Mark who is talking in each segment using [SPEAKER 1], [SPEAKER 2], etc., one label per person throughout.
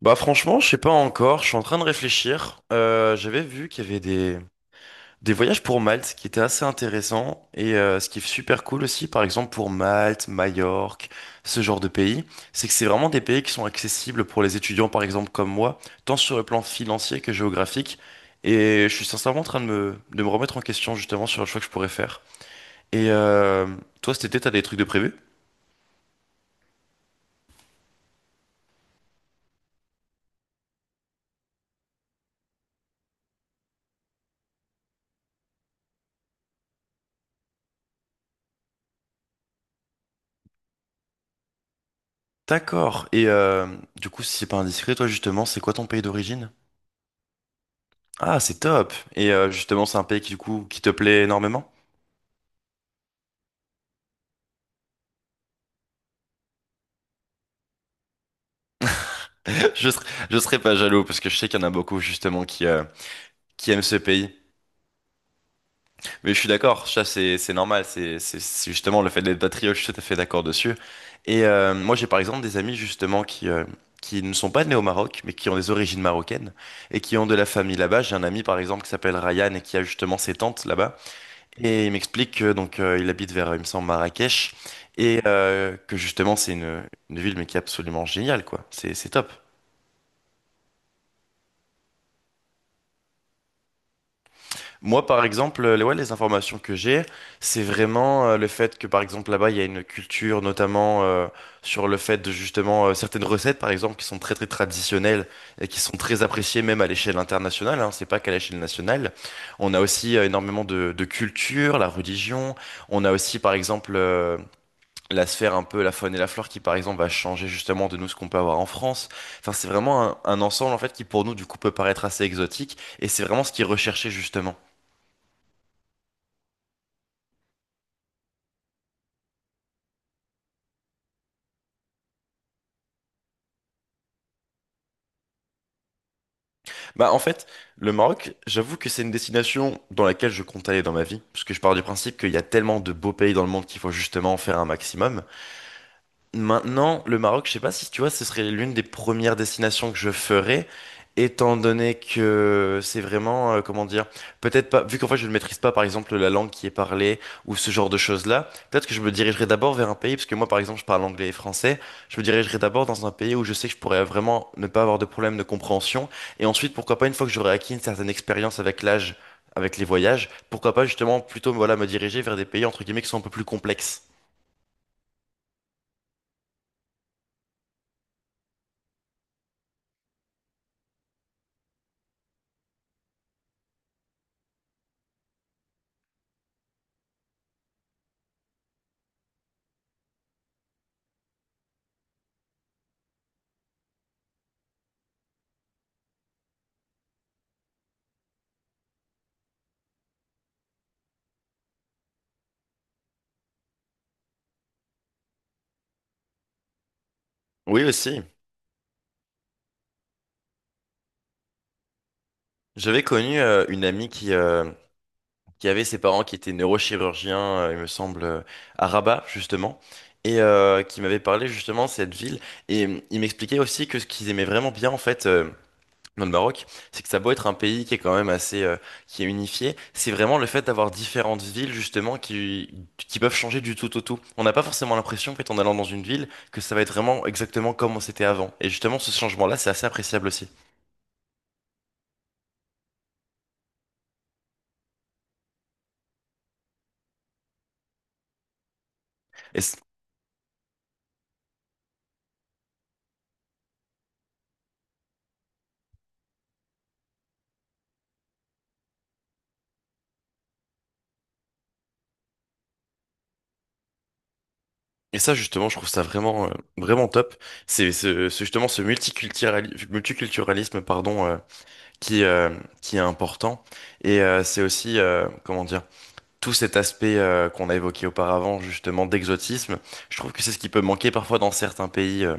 [SPEAKER 1] Bah franchement, je sais pas encore, je suis en train de réfléchir. J'avais vu qu'il y avait des voyages pour Malte qui étaient assez intéressants et ce qui est super cool aussi, par exemple pour Malte, Majorque, ce genre de pays, c'est que c'est vraiment des pays qui sont accessibles pour les étudiants, par exemple comme moi, tant sur le plan financier que géographique. Et je suis sincèrement en train de de me remettre en question justement sur le choix que je pourrais faire. Et toi cet été, t'as des trucs de prévu? D'accord. Et du coup, si c'est pas indiscret, toi justement, c'est quoi ton pays d'origine? Ah, c'est top. Et justement, c'est un pays du coup, qui te plaît énormément? Je serais pas jaloux parce que je sais qu'il y en a beaucoup justement qui aiment ce pays. Mais je suis d'accord, ça c'est normal, c'est justement le fait d'être patriote, je suis tout à fait d'accord dessus. Et moi j'ai par exemple des amis justement qui ne sont pas nés au Maroc, mais qui ont des origines marocaines et qui ont de la famille là-bas. J'ai un ami par exemple qui s'appelle Ryan et qui a justement ses tantes là-bas. Et il m'explique que donc il habite vers, il me semble, Marrakech, et que justement une ville mais qui est absolument géniale, quoi. C'est top. Moi, par exemple, ouais, les informations que j'ai, c'est vraiment le fait que, par exemple, là-bas, il y a une culture, notamment sur le fait de justement certaines recettes, par exemple, qui sont très très traditionnelles et qui sont très appréciées même à l'échelle internationale. Hein, c'est pas qu'à l'échelle nationale. On a aussi énormément de culture, la religion. On a aussi, par exemple, la sphère un peu la faune et la flore qui par exemple va changer justement de nous ce qu'on peut avoir en France. Enfin, c'est vraiment un ensemble en fait qui pour nous du coup peut paraître assez exotique et c'est vraiment ce qui est recherché justement. Bah en fait, le Maroc, j'avoue que c'est une destination dans laquelle je compte aller dans ma vie parce que je pars du principe qu'il y a tellement de beaux pays dans le monde qu'il faut justement en faire un maximum. Maintenant, le Maroc, je sais pas si tu vois, ce serait l'une des premières destinations que je ferais, étant donné que c'est vraiment, comment dire, peut-être pas, vu qu'en fait je ne maîtrise pas par exemple la langue qui est parlée ou ce genre de choses-là, peut-être que je me dirigerai d'abord vers un pays, parce que moi par exemple je parle anglais et français, je me dirigerai d'abord dans un pays où je sais que je pourrais vraiment ne pas avoir de problème de compréhension, et ensuite pourquoi pas une fois que j'aurai acquis une certaine expérience avec l'âge, avec les voyages, pourquoi pas justement plutôt voilà, me diriger vers des pays entre guillemets qui sont un peu plus complexes. Oui aussi. J'avais connu une amie qui avait ses parents qui étaient neurochirurgiens, il me semble, à Rabat, justement, et qui m'avait parlé justement de cette ville. Et il m'expliquait aussi que ce qu'ils aimaient vraiment bien, en fait, dans le Maroc, c'est que ça a beau être un pays qui est quand même assez, qui est unifié, c'est vraiment le fait d'avoir différentes villes, justement, qui peuvent changer du tout au tout. On n'a pas forcément l'impression, en fait, en allant dans une ville, que ça va être vraiment exactement comme on s'était avant. Et justement, ce changement-là, c'est assez appréciable aussi. Et ça, justement, je trouve ça vraiment, vraiment top. C'est justement ce multiculturalisme, pardon, qui, euh, qui est important. Et c'est aussi, comment dire, tout cet aspect qu'on a évoqué auparavant, justement, d'exotisme. Je trouve que c'est ce qui peut manquer parfois dans certains pays,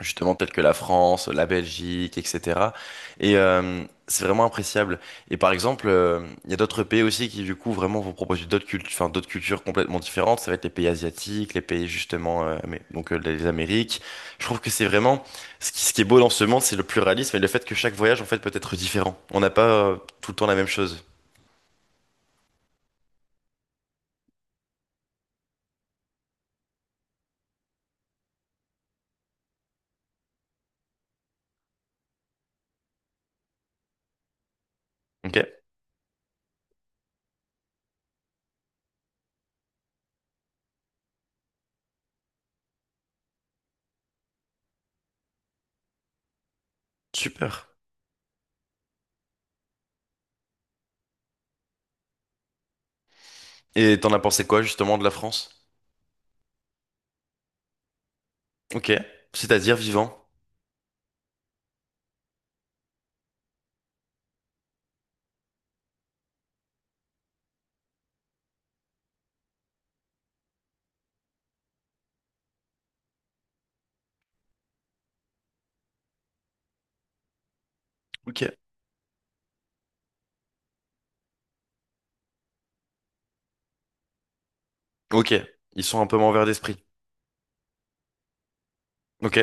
[SPEAKER 1] justement peut-être que la France, la Belgique, etc. Et c'est vraiment appréciable. Et par exemple, il y a d'autres pays aussi qui du coup vraiment vont proposer d'autres cultures, enfin d'autres cultures complètement différentes. Ça va être les pays asiatiques, les pays justement, donc les Amériques. Je trouve que c'est vraiment ce qui est beau dans ce monde, c'est le pluralisme et le fait que chaque voyage en fait peut être différent. On n'a pas tout le temps la même chose. Ok, super. Et t'en as pensé quoi justement de la France? Ok, c'est-à-dire vivant. Ok, ok, ils sont un peu moins ouverts d'esprit. Ok.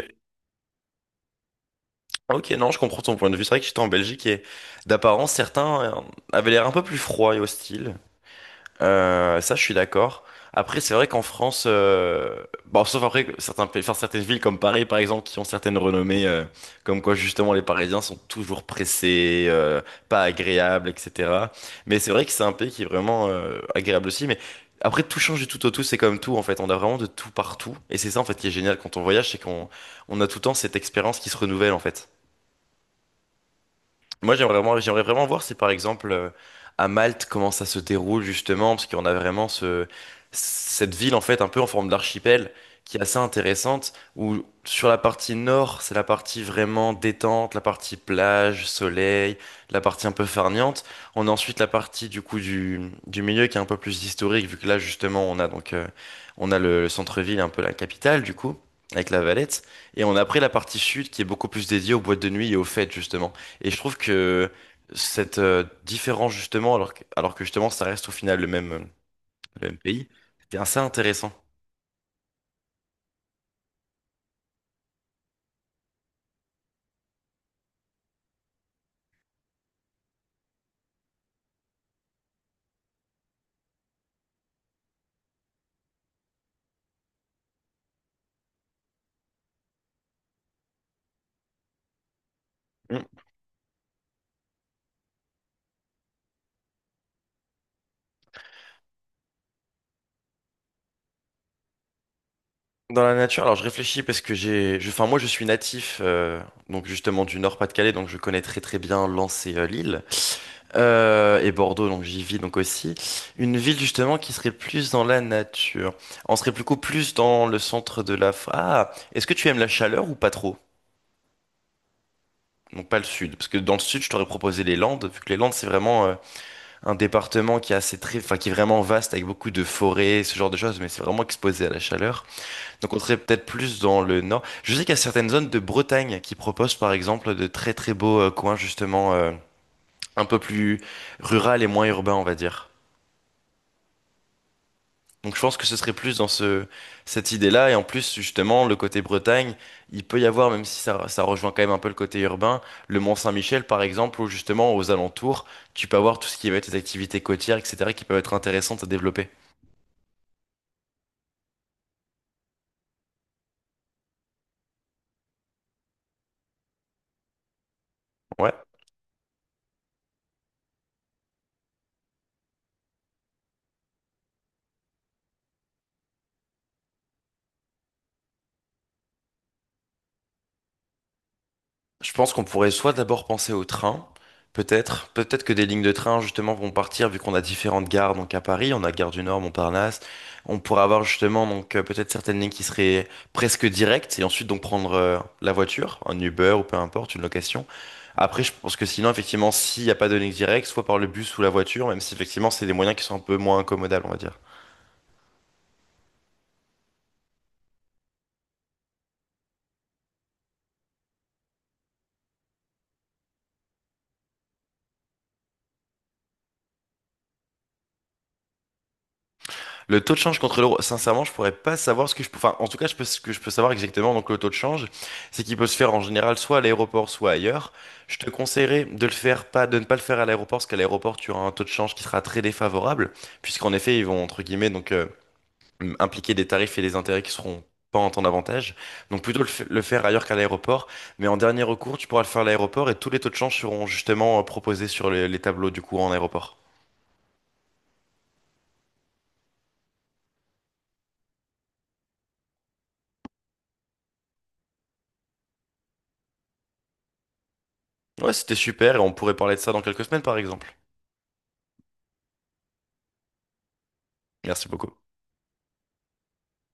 [SPEAKER 1] Ok, non, je comprends ton point de vue. C'est vrai que j'étais en Belgique et d'apparence, certains avaient l'air un peu plus froids et hostiles. Ça, je suis d'accord. Après, c'est vrai qu'en France, bon, sauf après que certains pays, enfin, certaines villes comme Paris, par exemple, qui ont certaines renommées, comme quoi justement les Parisiens sont toujours pressés, pas agréables, etc. Mais c'est vrai que c'est un pays qui est vraiment agréable aussi. Mais après, tout change du tout au tout, c'est comme tout en fait. On a vraiment de tout partout, et c'est ça en fait qui est génial quand on voyage, c'est qu'on on a tout le temps cette expérience qui se renouvelle en fait. Moi, j'aimerais vraiment voir si, par exemple, à Malte, comment ça se déroule justement, parce qu'on a vraiment cette ville, en fait, un peu en forme d'archipel, qui est assez intéressante, où sur la partie nord, c'est la partie vraiment détente, la partie plage, soleil, la partie un peu farniente. On a ensuite la partie, du coup, du milieu qui est un peu plus historique, vu que là, justement, on a donc, on a le centre-ville, un peu la capitale, du coup, avec la Valette. Et on a après la partie sud, qui est beaucoup plus dédiée aux boîtes de nuit et aux fêtes, justement. Et je trouve que cette différence, justement, alors que justement, ça reste au final le même pays, c'était assez intéressant. Mm. Dans la nature, alors je réfléchis parce que enfin moi je suis natif donc justement du Nord-Pas-de-Calais donc je connais très très bien Lens et Lille et Bordeaux donc j'y vis donc aussi une ville justement qui serait plus dans la nature on serait beaucoup plus dans le centre de la ah est-ce que tu aimes la chaleur ou pas trop donc pas le sud parce que dans le sud je t'aurais proposé les Landes vu que les Landes c'est vraiment un département qui est assez enfin qui est vraiment vaste avec beaucoup de forêts, ce genre de choses, mais c'est vraiment exposé à la chaleur. Donc on serait peut-être plus dans le nord. Je sais qu'il y a certaines zones de Bretagne qui proposent par exemple de très très beaux coins justement un peu plus rural et moins urbain, on va dire. Donc je pense que ce serait plus dans ce cette idée-là et en plus justement le côté Bretagne, il peut y avoir même si ça rejoint quand même un peu le côté urbain, le Mont-Saint-Michel par exemple ou justement aux alentours, tu peux avoir tout ce qui va être des activités côtières, etc., qui peuvent être intéressantes à développer. Ouais. Je pense qu'on pourrait soit d'abord penser au train, peut-être que des lignes de train justement vont partir vu qu'on a différentes gares. Donc à Paris, on a Gare du Nord, Montparnasse. On pourrait avoir justement donc peut-être certaines lignes qui seraient presque directes et ensuite donc prendre la voiture, un Uber ou peu importe, une location. Après, je pense que sinon effectivement, s'il n'y a pas de ligne directe, soit par le bus ou la voiture, même si effectivement c'est des moyens qui sont un peu moins incommodables, on va dire. Le taux de change contre l'euro, sincèrement, je pourrais pas savoir ce que je peux. Enfin, en tout cas, je peux, ce que je peux savoir exactement. Donc, le taux de change, c'est qu'il peut se faire en général soit à l'aéroport, soit ailleurs. Je te conseillerais de le faire pas, de ne pas le faire à l'aéroport, parce qu'à l'aéroport, tu auras un taux de change qui sera très défavorable, puisqu'en effet, ils vont entre guillemets donc impliquer des tarifs et des intérêts qui seront pas en temps d'avantage. Donc, plutôt le faire ailleurs qu'à l'aéroport. Mais en dernier recours, tu pourras le faire à l'aéroport et tous les taux de change seront justement proposés sur les tableaux du cours en aéroport. Ouais, c'était super et on pourrait parler de ça dans quelques semaines, par exemple. Merci beaucoup.